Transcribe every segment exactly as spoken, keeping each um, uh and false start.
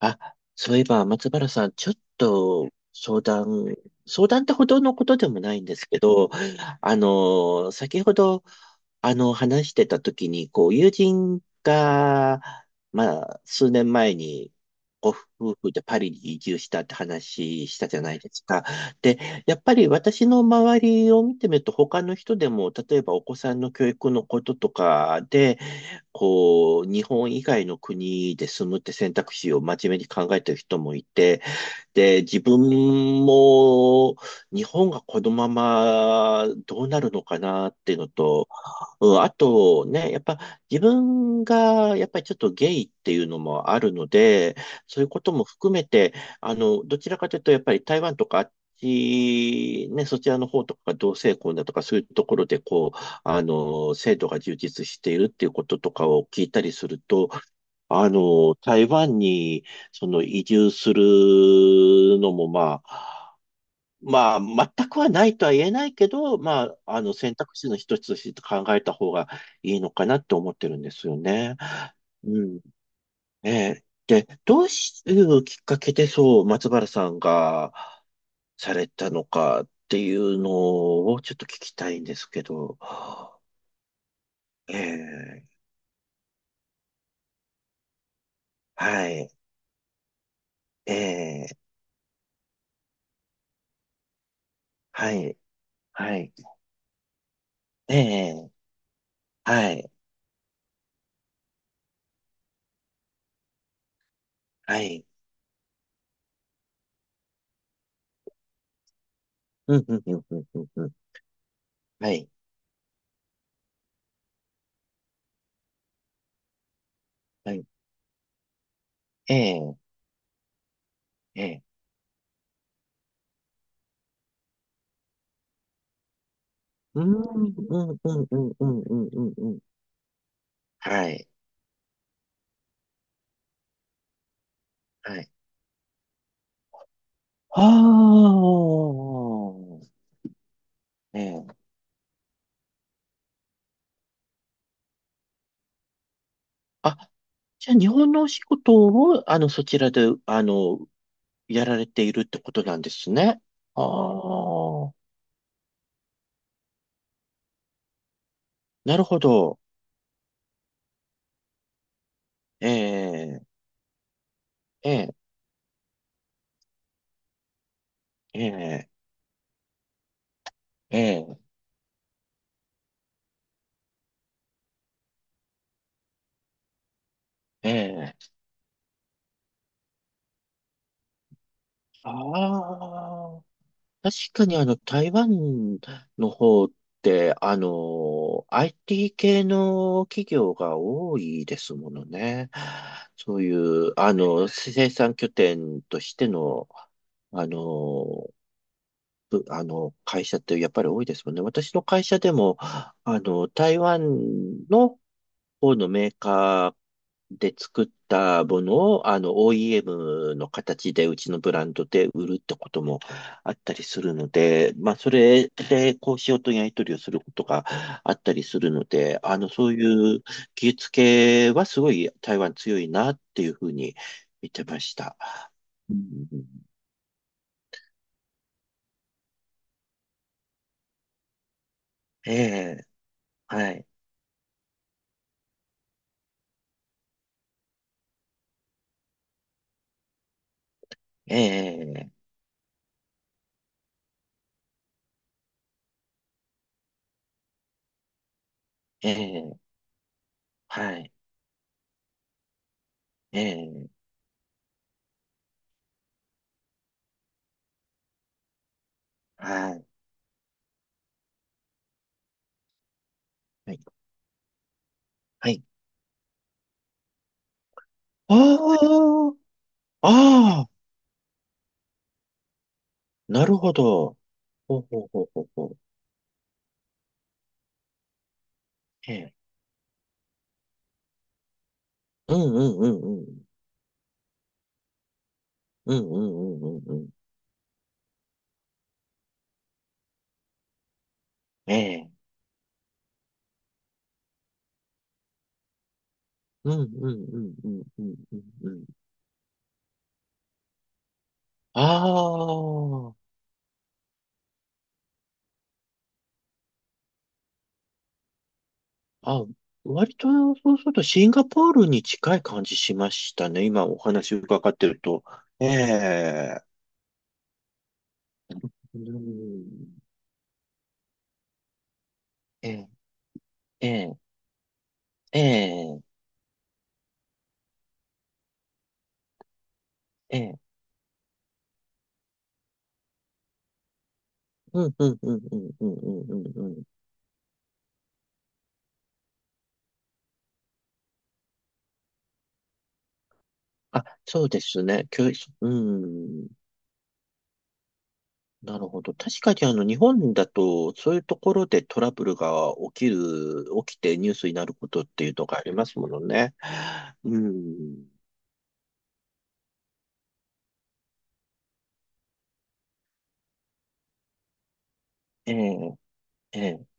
あ、そういえば、松原さん、ちょっと相談、相談ってほどのことでもないんですけど、あの、先ほど、あの、話してた時に、こう、友人が、まあ、数年前に、ご夫婦でパリに移住したって話したじゃないですか。で、やっぱり私の周りを見てみると、他の人でも、例えばお子さんの教育のこととかこう、日本以外の国で住むって選択肢を真面目に考えてる人もいて、で、自分も日本がこのままどうなるのかなっていうのと、うん、あとね、やっぱ自分がやっぱりちょっとゲイっていうのもあるので、そういうことも含めて、あの、どちらかというとやっぱり台湾とかあっち、ね、そちらの方とかが同性婚だとかそういうところでこう、あの、制度が充実しているっていうこととかを聞いたりすると、あの、台湾にその移住するのもまあ、まあ、全くはないとは言えないけど、まあ、あの、選択肢の一つとして考えた方がいいのかなって思ってるんですよね。うん。ええ。で、どういうきっかけでそう、松原さんがされたのかっていうのをちょっと聞きたいんですけど。ええ、はい、ええ、はい、はい、ええ、はい、はい、うん、うん、うん、うん、うん、うん、はい、はい、ええ、ええ。うん、うん、うん、うん、うん、うん、うんうん。はい。はい。ああ、ねえ。あ、じゃあ日本のお仕事を、あの、そちらで、あの、やられているってことなんですね。ああ、なるほど。ええ、ええ、ええ、ええ、ええ。ああ。確かにあの、台湾の方って、あの、アイティー 系の企業が多いですものね。そういう、あの、生産拠点としての、あの、ぶあの、会社ってやっぱり多いですもんね。私の会社でも、あの、台湾の方のメーカーで作ったものを、あの、オーイーエム の形でうちのブランドで売るってこともあったりするので、まあ、それで交渉とやり取りをすることがあったりするので、あの、そういう技術系はすごい台湾強いなっていうふうに見てました。うん、ええ、はい、ええ、ええ、はい、ええ、はい、はい。はい。ああ、ああ、なるほど。ほうほうほうほうほう。ええ。うんうんうんうん。うんうんうんうんうん。ええ。うんうんうんうんうんうんうん。ああ。あ、割とそうするとシンガポールに近い感じしましたね。今お話伺ってると。ええ。うん、ええ。ええ。ええ。ええ、うんうんうんうんうんうんうんうん。あ、そうですね。教育、うん。なるほど。確かにあの、日本だと、そういうところでトラブルが起きる、起きてニュースになることっていうのがありますものね。うん。ええ、ええ、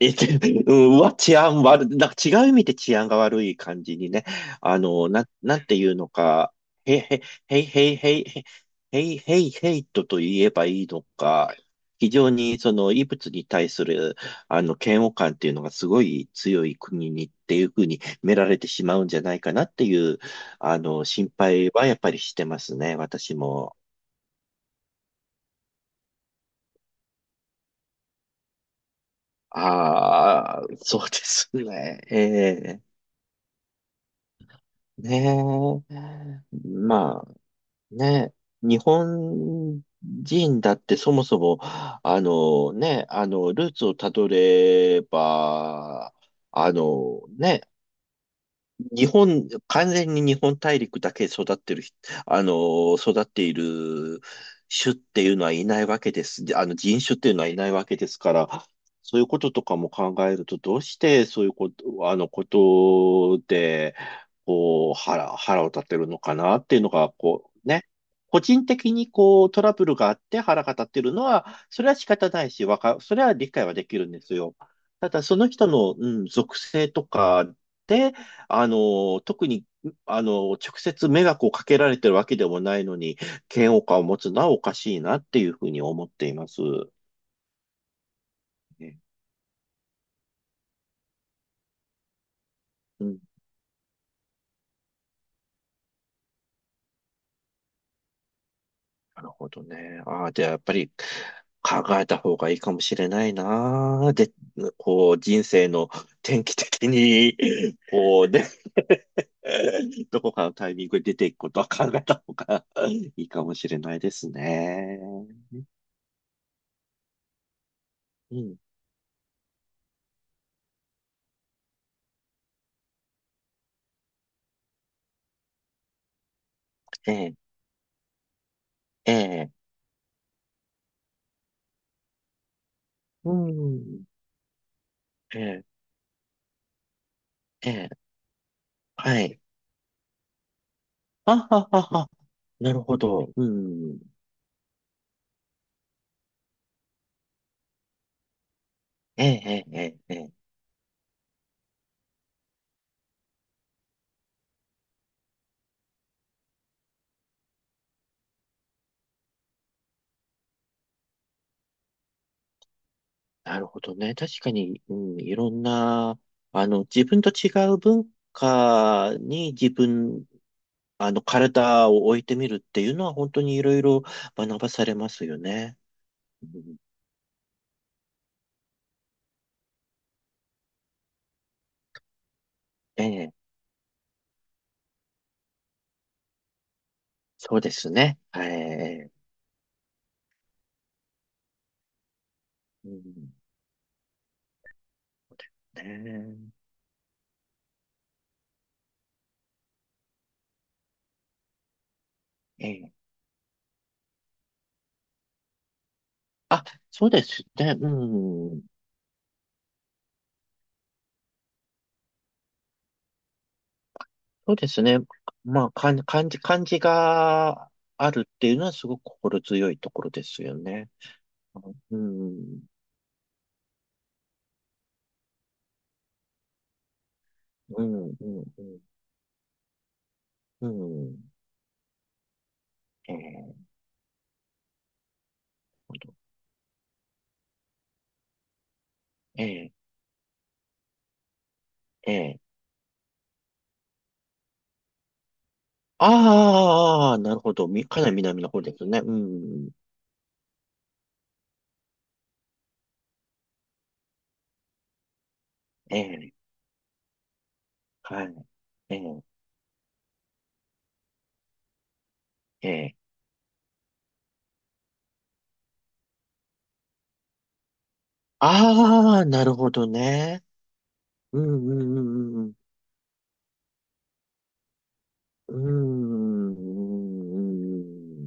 えて、うん、うわ治安悪い、なんか違う意味で治安が悪い感じにね、あの、な、なんていうのか、へ、へ、へいへいへいへい、へいへいヘイトと言えばいいのか、非常にその異物に対する、あの、嫌悪感っていうのがすごい強い国にっていうふうに見られてしまうんじゃないかなっていう、あの、心配はやっぱりしてますね、私も。ああ、そうですね。ええ、ねえ。ま、ね、日本人だってそもそも、あのね、あの、ルーツをたどれば、あのね、日本、完全に日本大陸だけ育ってる人、あの、育っている種っていうのはいないわけです。で、あの、人種っていうのはいないわけですから、そういうこととかも考えると、どうしてそういうこと、あの、ことで、こう、腹、腹を立てるのかなっていうのが、こう、ね。個人的にこう、トラブルがあって腹が立ってるのは、それは仕方ないし、わか、それは理解はできるんですよ。ただ、その人の、うん、属性とか、で、あの、特に、あの、直接迷惑をかけられてるわけでもないのに、嫌悪感を持つのはおかしいなっていうふうに思っています。ね、うん、なるほどね。ああ、じゃあやっぱり考えた方がいいかもしれないな。で、こう、人生の転機的に、こうね、どこかのタイミングで出ていくことは考えた方がいいかもしれないですね。うん、ええ、ええ、うん、ええ、ええ。はい。あははは。なるほど。うん。ええ、ええ、ええ。ええ、なるほどね。確かに、うん、いろんな、あの、自分と違う文化に自分、あの、体を置いてみるっていうのは本当にいろいろ学ばされますよね。うん、ええ、そうですね。はい。うん、ねえ、ええ、あ、そうですね。うん。そうですね。まあ感じ感じ感じがあるっていうのはすごく心強いところですよね。うんうんうんうんうん、ええ、本当、ええええ、ああなるほど、み、かなり南のほうですね。うんうん、ええ、はい、ええええ、ああなるほどね。うんうんうんうんうん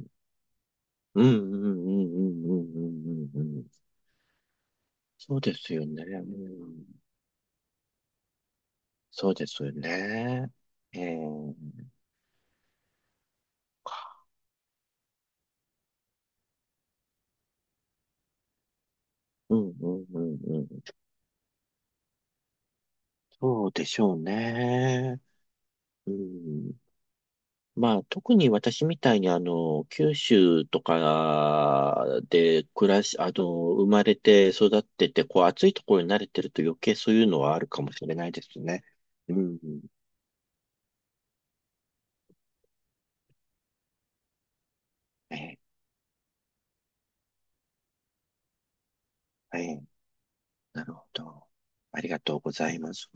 うんうんうんうんうんうんうんうんうん。そうですよね。うん、そうですよね。ええ。うん、うん、うん、うん。そうでしょうね。うん。まあ、特に私みたいに、あの、九州とかで暮らし、あの、生まれて育ってて、こう、暑いところに慣れてると余計そういうのはあるかもしれないですね。うん。ええ。はい。なるほど。ありがとうございます。